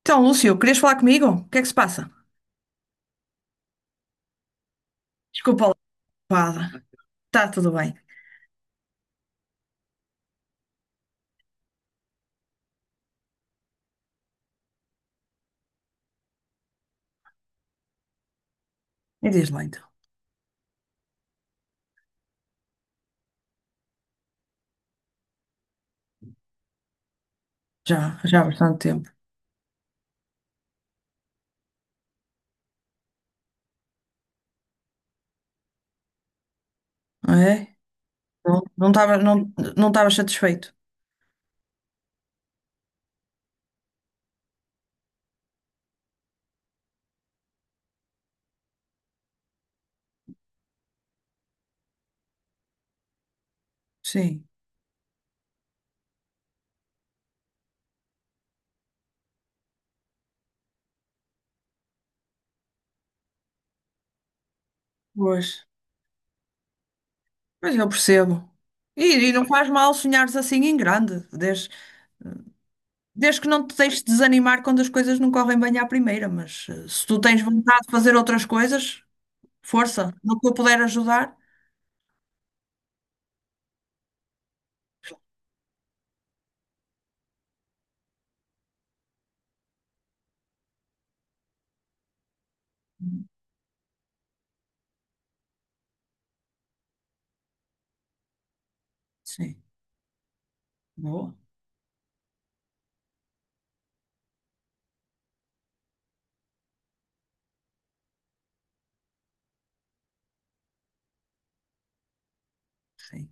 Então, Lúcio, querias falar comigo? O que é que se passa? Desculpa lá, fala. Está tudo bem. E diz lá então. Já há bastante tempo. Não é? Não, estava não, não estava satisfeito. Sim. Pois. Mas eu percebo. E não faz mal sonhares assim em grande. Desde que não te deixes desanimar quando as coisas não correm bem à primeira, mas se tu tens vontade de fazer outras coisas, força, no que eu puder ajudar. Sim, boa, sim.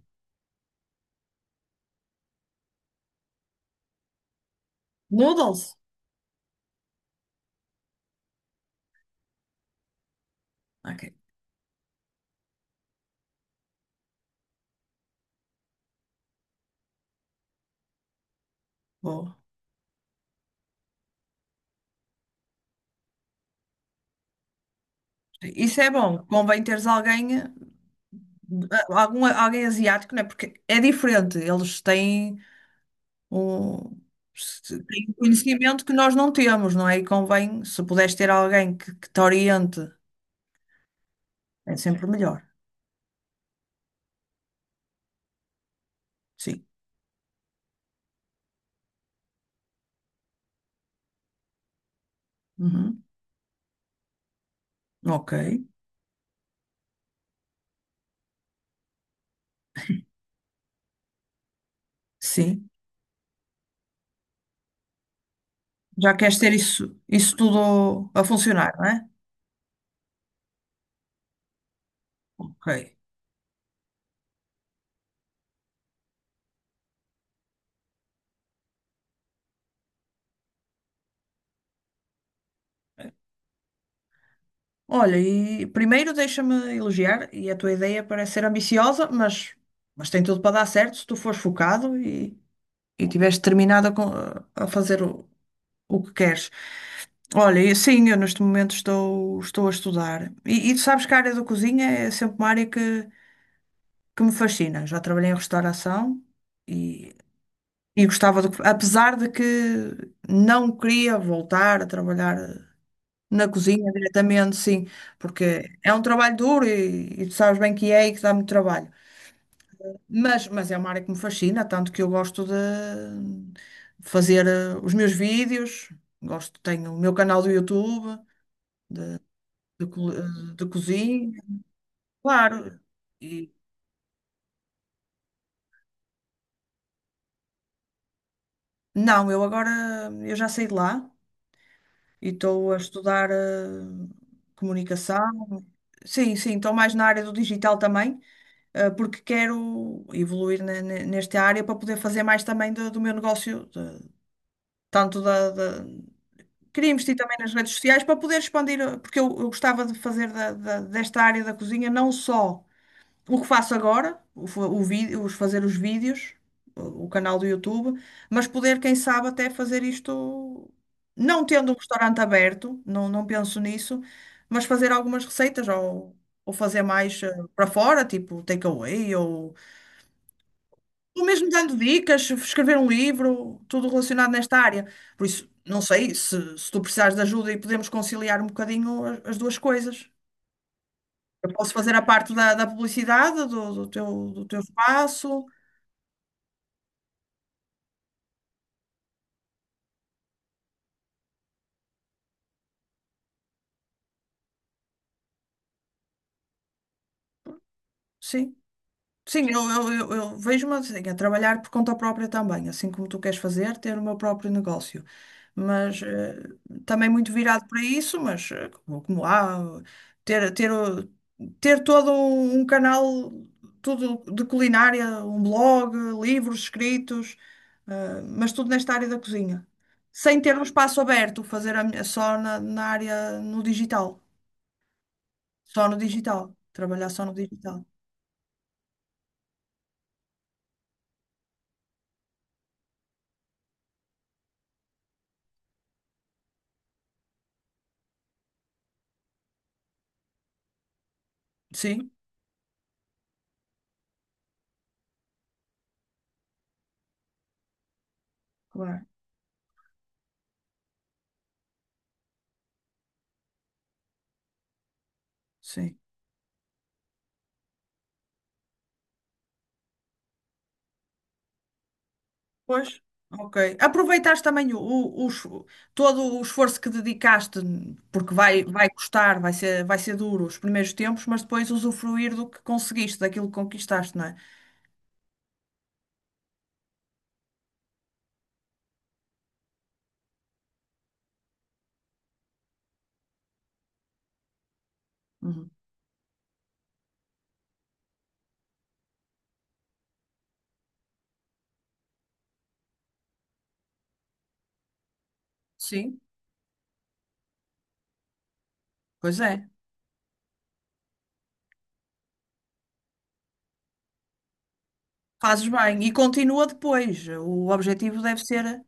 Noodles? Ok, boa. Isso é bom, convém teres alguém, alguém asiático, não é? Porque é diferente, eles têm um, têm um conhecimento que nós não temos, não é? E convém, se puderes ter alguém que te oriente, é sempre melhor. Sim. Uhum. Ok, sim. Já queres ter isso tudo a funcionar, não é? Ok. Olha, e primeiro deixa-me elogiar, e a tua ideia parece ser ambiciosa, mas tem tudo para dar certo se tu fores focado e tiveres determinado a fazer o que queres. Olha, e sim, eu neste momento estou a estudar. E tu sabes que a área da cozinha é sempre uma área que me fascina. Já trabalhei em restauração e, e gostava de, apesar de que não queria voltar a trabalhar na cozinha diretamente, sim, porque é um trabalho duro e tu sabes bem que é e que dá muito trabalho. Mas é uma área que me fascina, tanto que eu gosto de fazer os meus vídeos, gosto, tenho o meu canal do YouTube de cozinha, claro. E, não, eu agora eu já saí de lá e estou a estudar comunicação. Sim, sim, estou mais na área do digital também. Porque quero evoluir nesta área para poder fazer mais também do meu negócio, tanto da. Queria investir também nas redes sociais para poder expandir, porque eu gostava de fazer desta área da cozinha não só o que faço agora, o, fa- o vi- os fazer os vídeos, o canal do YouTube, mas poder, quem sabe, até fazer isto não tendo um restaurante aberto, não, não penso nisso, mas fazer algumas receitas ou fazer mais para fora, tipo takeaway ou mesmo dando dicas, escrever um livro, tudo relacionado nesta área. Por isso, não sei se tu precisares de ajuda e podemos conciliar um bocadinho as duas coisas. Eu posso fazer a parte da publicidade, do teu espaço, sim. Sim, eu vejo-me assim, a trabalhar por conta própria também, assim como tu queres fazer, ter o meu próprio negócio. Mas também muito virado para isso, mas como, como há, ter, ter, o- ter todo um canal, tudo de culinária, um blog, livros escritos, mas tudo nesta área da cozinha. Sem ter um espaço aberto, fazer só na área no digital. Só no digital. Trabalhar só no digital. Sim, claro. Sim. Pois, ok. Aproveitaste também todo o esforço que dedicaste, porque vai custar, vai ser duro os primeiros tempos, mas depois usufruir do que conseguiste, daquilo que conquistaste, não é? Uhum. Sim, pois é. Fazes bem. E continua depois. O objetivo deve ser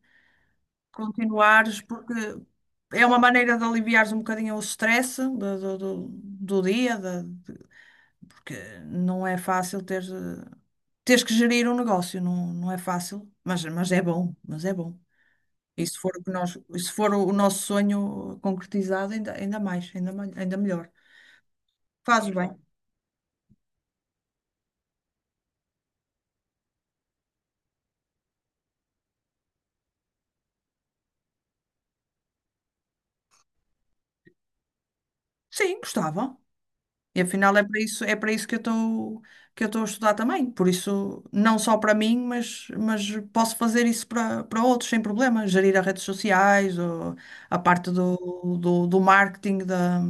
continuares, porque é uma maneira de aliviares um bocadinho o stress do dia, porque não é fácil teres que gerir um negócio. Não, não é fácil, mas é bom, mas é bom. E se for o que nós, e se for o nosso sonho concretizado, ainda, ainda mais, ainda melhor. Fazes bem. Sim, gostava. E afinal é para isso que eu estou a estudar também. Por isso, não só para mim, mas posso fazer isso para outros sem problema. Gerir as redes sociais, ou a parte do marketing,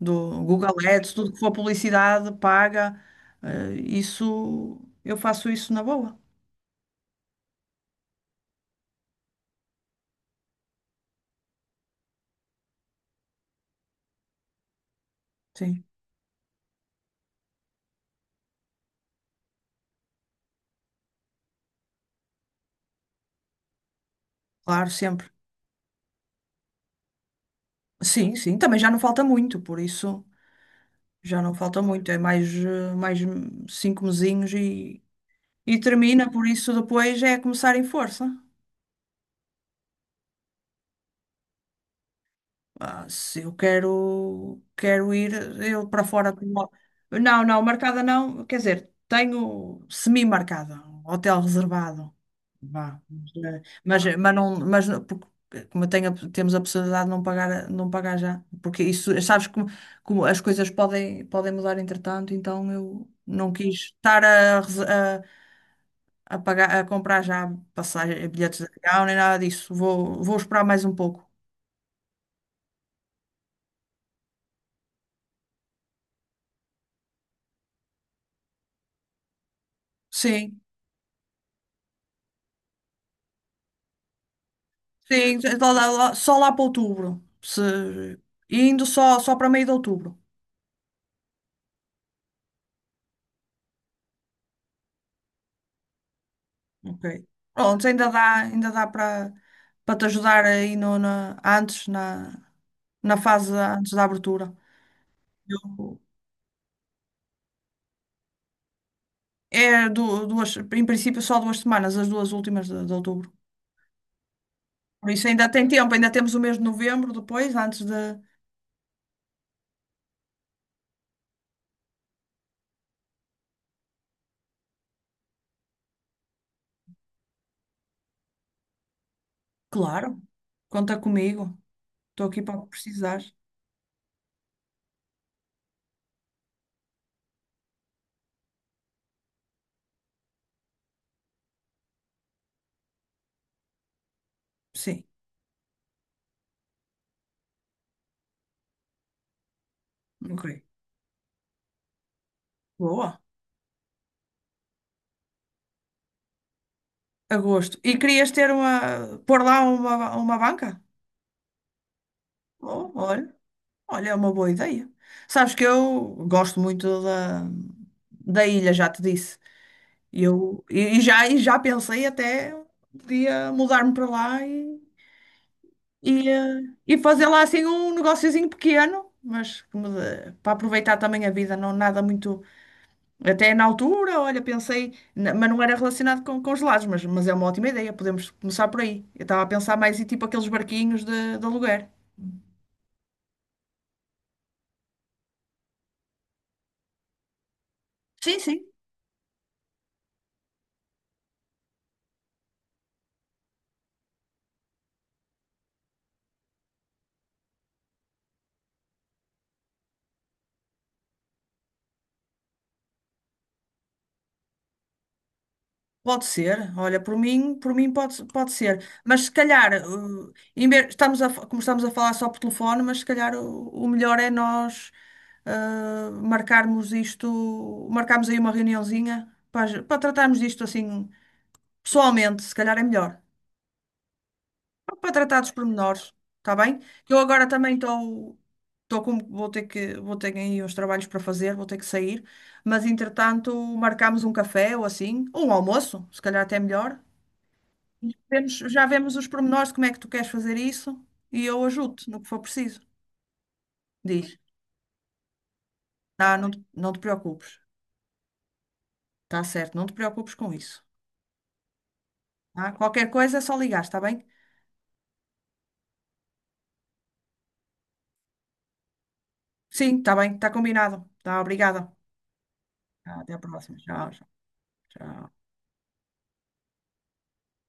do Google Ads, tudo que for publicidade paga, isso eu faço isso na boa. Sim, claro, sempre. Sim, sim, também já não falta muito, por isso já não falta muito, mais 5 mesinhos e termina, por isso depois é começar em força. Ah, se eu quero, ir eu para fora. Não, não, marcada não. Quer dizer, tenho semi-marcada, um hotel reservado. Vá. Porque, como eu tenho, temos a possibilidade de não pagar, não pagar já. Porque isso, sabes como as coisas podem mudar entretanto, então eu não quis estar a pagar, a comprar já passagem, bilhetes de avião, nem nada disso. Vou esperar mais um pouco. Sim. Sim, só lá para outubro. Se... Indo só para meio de outubro. Ok. Pronto, ainda dá para te ajudar aí no, na, antes, na, na fase da- antes da abertura. Eu- duas, em princípio, só duas semanas, as duas últimas de outubro. Por isso ainda tem tempo, ainda temos o mês de novembro depois, antes de. Claro, conta comigo. Estou aqui para o que precisares. Sim, ok. Boa. Agosto. E querias ter pôr lá uma banca? Bom, olha, é uma boa ideia. Sabes que eu gosto muito da ilha, já te disse. E Eu, e já pensei até podia mudar-me para lá e, eh, e fazer lá assim um negociozinho pequeno, mas para aproveitar também a vida, não nada muito. Até na altura, olha, pensei, mas não era relacionado com os gelados, mas é uma ótima ideia, podemos começar por aí. Eu estava a pensar mais em tipo aqueles barquinhos de aluguer. Sim, sim. Pode ser, olha, por mim pode, pode ser. Mas se calhar, como estamos a falar só por telefone, mas se calhar o melhor é nós marcarmos aí uma reuniãozinha para tratarmos disto assim pessoalmente, se calhar é melhor. Para tratar dos pormenores, está bem? Eu agora também estou, estou com, vou ter que, vou ter aí uns trabalhos para fazer, vou ter que sair, mas entretanto marcamos um café ou assim, ou um almoço, se calhar até melhor. Já vemos os pormenores de como é que tu queres fazer isso e eu ajudo-te no que for preciso. Diz, ah, não, não te preocupes, está certo, não te preocupes com isso. Tá? Qualquer coisa é só ligar, está bem? Sim, está bem, está combinado. Tá, obrigada. Tá, até a próxima. Tchau, tchau. Tchau.